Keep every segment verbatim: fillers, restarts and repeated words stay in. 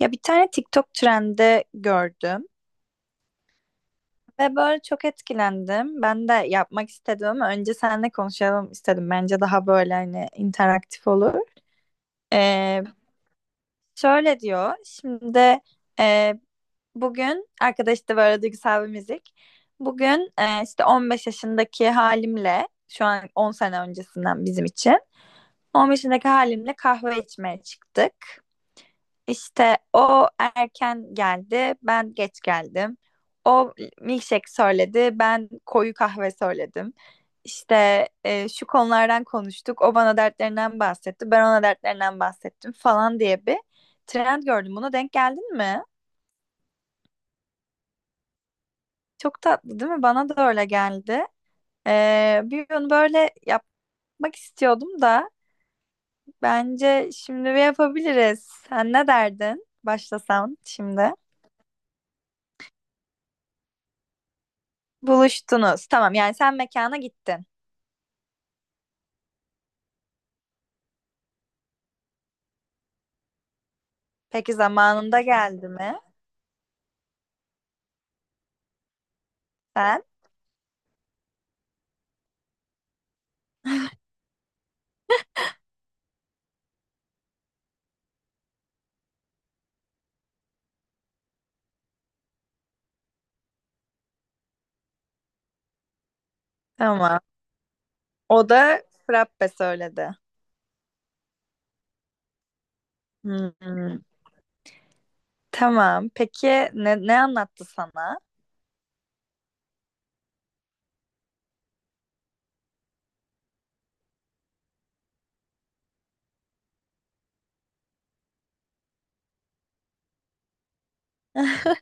Ya bir tane TikTok trendi gördüm ve böyle çok etkilendim. Ben de yapmak istedim ama önce seninle konuşalım istedim. Bence daha böyle hani interaktif olur. Ee, Şöyle diyor. Şimdi e, bugün arkadaş da böyle duygusal bir müzik. Bugün e, işte on beş yaşındaki halimle şu an on sene öncesinden bizim için on beş yaşındaki halimle kahve içmeye çıktık. İşte o erken geldi, ben geç geldim. O milkshake söyledi, ben koyu kahve söyledim. İşte e, şu konulardan konuştuk, o bana dertlerinden bahsetti, ben ona dertlerinden bahsettim falan diye bir trend gördüm. Buna denk geldin mi? Çok tatlı değil mi? Bana da öyle geldi. E, bir gün böyle yapmak istiyordum da bence şimdi bir yapabiliriz. Sen ne derdin? Başlasam şimdi. Buluştunuz. Tamam yani sen mekana gittin. Peki zamanında geldi mi? Sen? Tamam. O da frappe söyledi. Hmm. Tamam. Peki ne, ne anlattı sana?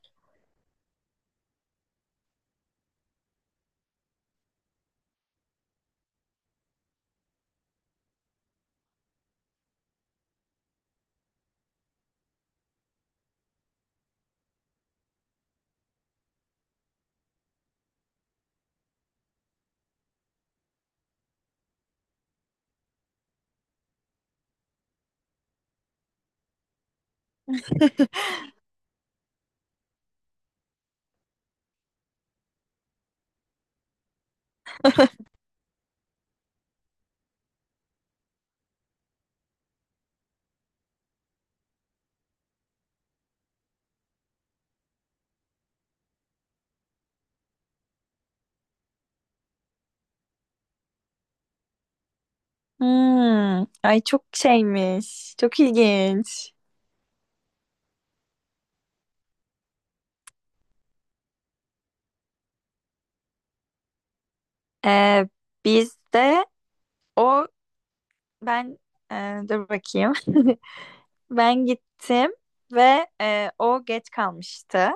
Hmm. Ay çok şeymiş. Çok ilginç. Ee, Biz de o ben e, dur bakayım. Ben gittim ve e, o geç kalmıştı.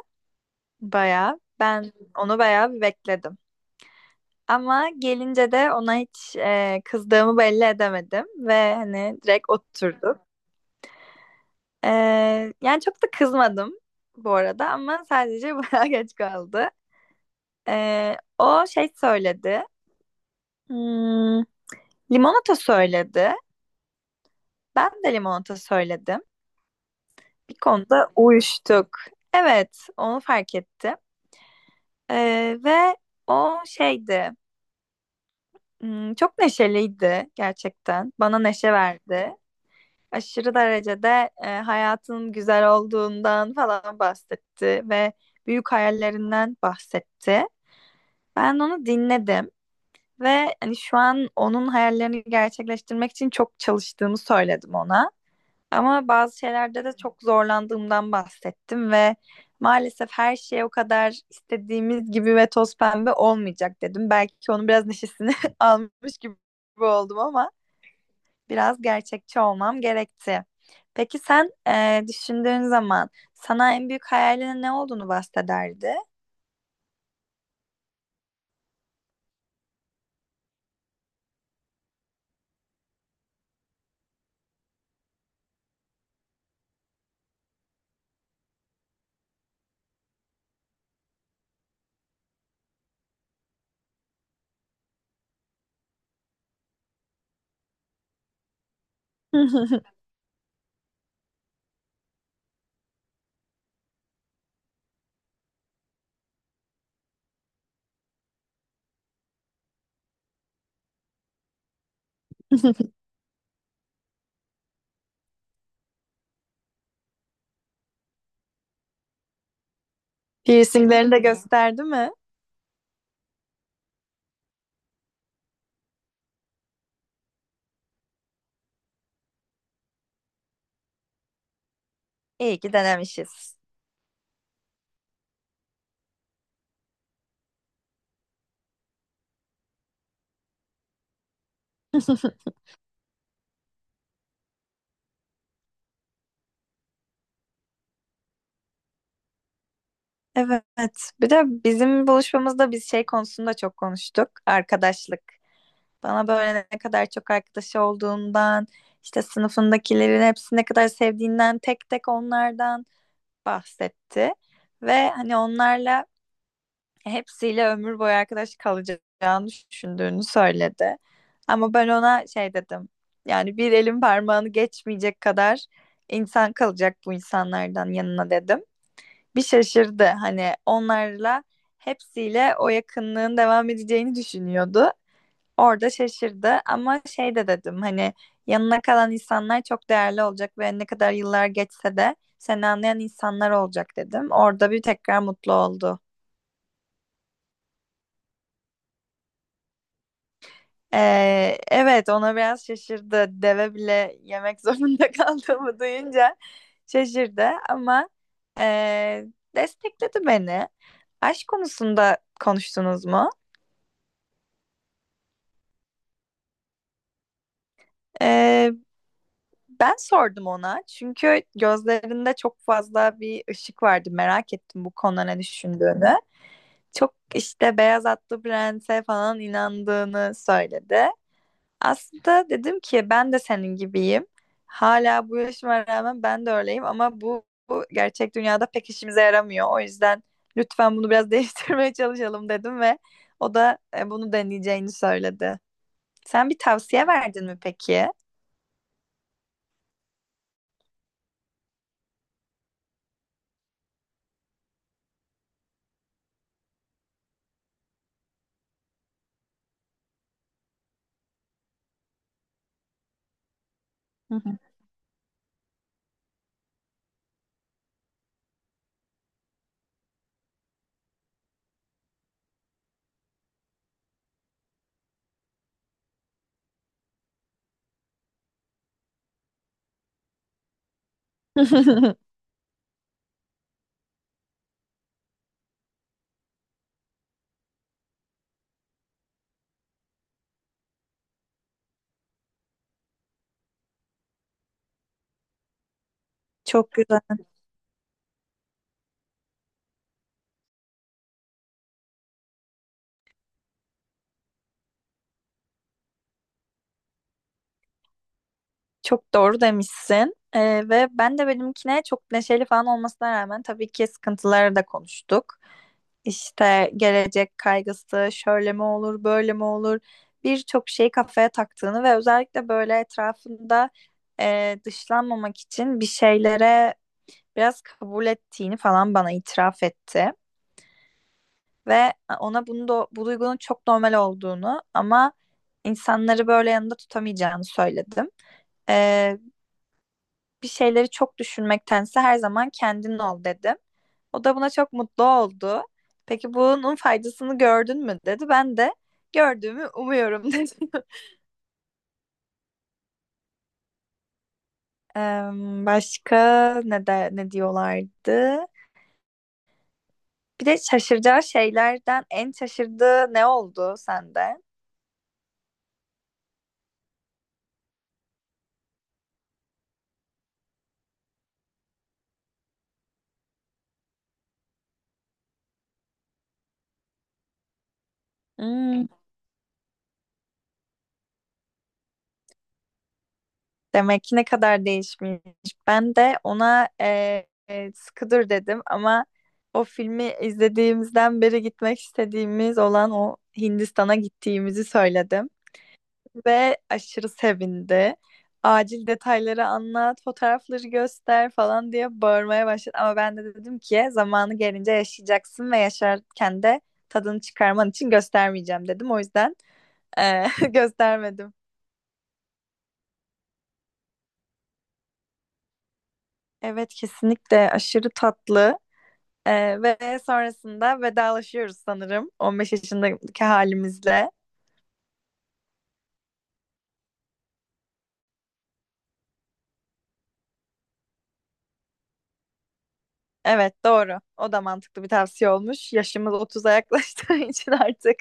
Bayağı. Ben onu bayağı bir bekledim. Ama gelince de ona hiç e, kızdığımı belli edemedim ve hani direkt oturduk. E, Yani çok da kızmadım bu arada ama sadece bayağı geç kaldı. E, o şey söyledi. Hmm, limonata söyledi. Ben de limonata söyledim. Bir konuda uyuştuk. Evet, onu fark ettim. E, Ve o şeydi. Hmm, çok neşeliydi gerçekten. Bana neşe verdi. Aşırı derecede e, hayatın güzel olduğundan falan bahsetti ve büyük hayallerinden bahsetti. Ben onu dinledim ve hani şu an onun hayallerini gerçekleştirmek için çok çalıştığımı söyledim ona. Ama bazı şeylerde de çok zorlandığımdan bahsettim ve maalesef her şey o kadar istediğimiz gibi ve toz pembe olmayacak dedim. Belki onun biraz neşesini almış gibi oldum ama biraz gerçekçi olmam gerekti. Peki sen eee, düşündüğün zaman sana en büyük hayalinin ne olduğunu bahsederdi? Piercinglerini de gösterdi mi? İyi ki denemişiz. Evet. Bir de bizim buluşmamızda biz şey konusunda çok konuştuk. Arkadaşlık. Bana böyle ne kadar çok arkadaşı olduğundan, işte sınıfındakilerin hepsini ne kadar sevdiğinden, tek tek onlardan bahsetti. Ve hani onlarla hepsiyle ömür boyu arkadaş kalacağını düşündüğünü söyledi. Ama ben ona şey dedim. Yani bir elin parmağını geçmeyecek kadar insan kalacak bu insanlardan yanına dedim. Bir şaşırdı. Hani onlarla hepsiyle o yakınlığın devam edeceğini düşünüyordu. Orada şaşırdı ama şey de dedim hani yanına kalan insanlar çok değerli olacak ve ne kadar yıllar geçse de seni anlayan insanlar olacak dedim. Orada bir tekrar mutlu oldu. Ee, evet ona biraz şaşırdı. Deve bile yemek zorunda kaldığımı duyunca şaşırdı ama ee, destekledi beni. Aşk konusunda konuştunuz mu? Ee, Ben sordum ona çünkü gözlerinde çok fazla bir ışık vardı. Merak ettim bu konuda ne düşündüğünü. Çok işte Beyaz Atlı Prens'e falan inandığını söyledi. Aslında dedim ki ben de senin gibiyim. Hala bu yaşıma rağmen ben de öyleyim ama bu, bu gerçek dünyada pek işimize yaramıyor. O yüzden lütfen bunu biraz değiştirmeye çalışalım dedim ve o da e, bunu deneyeceğini söyledi. Sen bir tavsiye verdin mi peki? Hı hı. Çok güzel. Çok doğru demişsin. Ee, ve ben de benimkine çok neşeli falan olmasına rağmen tabii ki sıkıntıları da konuştuk. İşte gelecek kaygısı, şöyle mi olur, böyle mi olur, birçok şeyi kafaya taktığını ve özellikle böyle etrafında e, dışlanmamak için bir şeylere biraz kabul ettiğini falan bana itiraf etti. Ve e, ona bunu da, bu duygunun çok normal olduğunu ama insanları böyle yanında tutamayacağını söyledim. Ee, Bir şeyleri çok düşünmektense her zaman kendin ol dedim. O da buna çok mutlu oldu. Peki bunun faydasını gördün mü dedi. Ben de gördüğümü umuyorum dedim. Em, başka ne de ne diyorlardı? Bir de şaşıracağı şeylerden en şaşırdığı ne oldu sende? Hmm, demek ki ne kadar değişmiş. Ben de ona e, e, Skıdır dedim ama o filmi izlediğimizden beri gitmek istediğimiz olan o Hindistan'a gittiğimizi söyledim ve aşırı sevindi. Acil detayları anlat, fotoğrafları göster falan diye bağırmaya başladı. Ama ben de dedim ki zamanı gelince yaşayacaksın ve yaşarken de tadını çıkarman için göstermeyeceğim dedim. O yüzden e, göstermedim. Evet kesinlikle aşırı tatlı. Ee, ve sonrasında vedalaşıyoruz sanırım on beş yaşındaki halimizle. Evet doğru. O da mantıklı bir tavsiye olmuş. Yaşımız otuza yaklaştığı için artık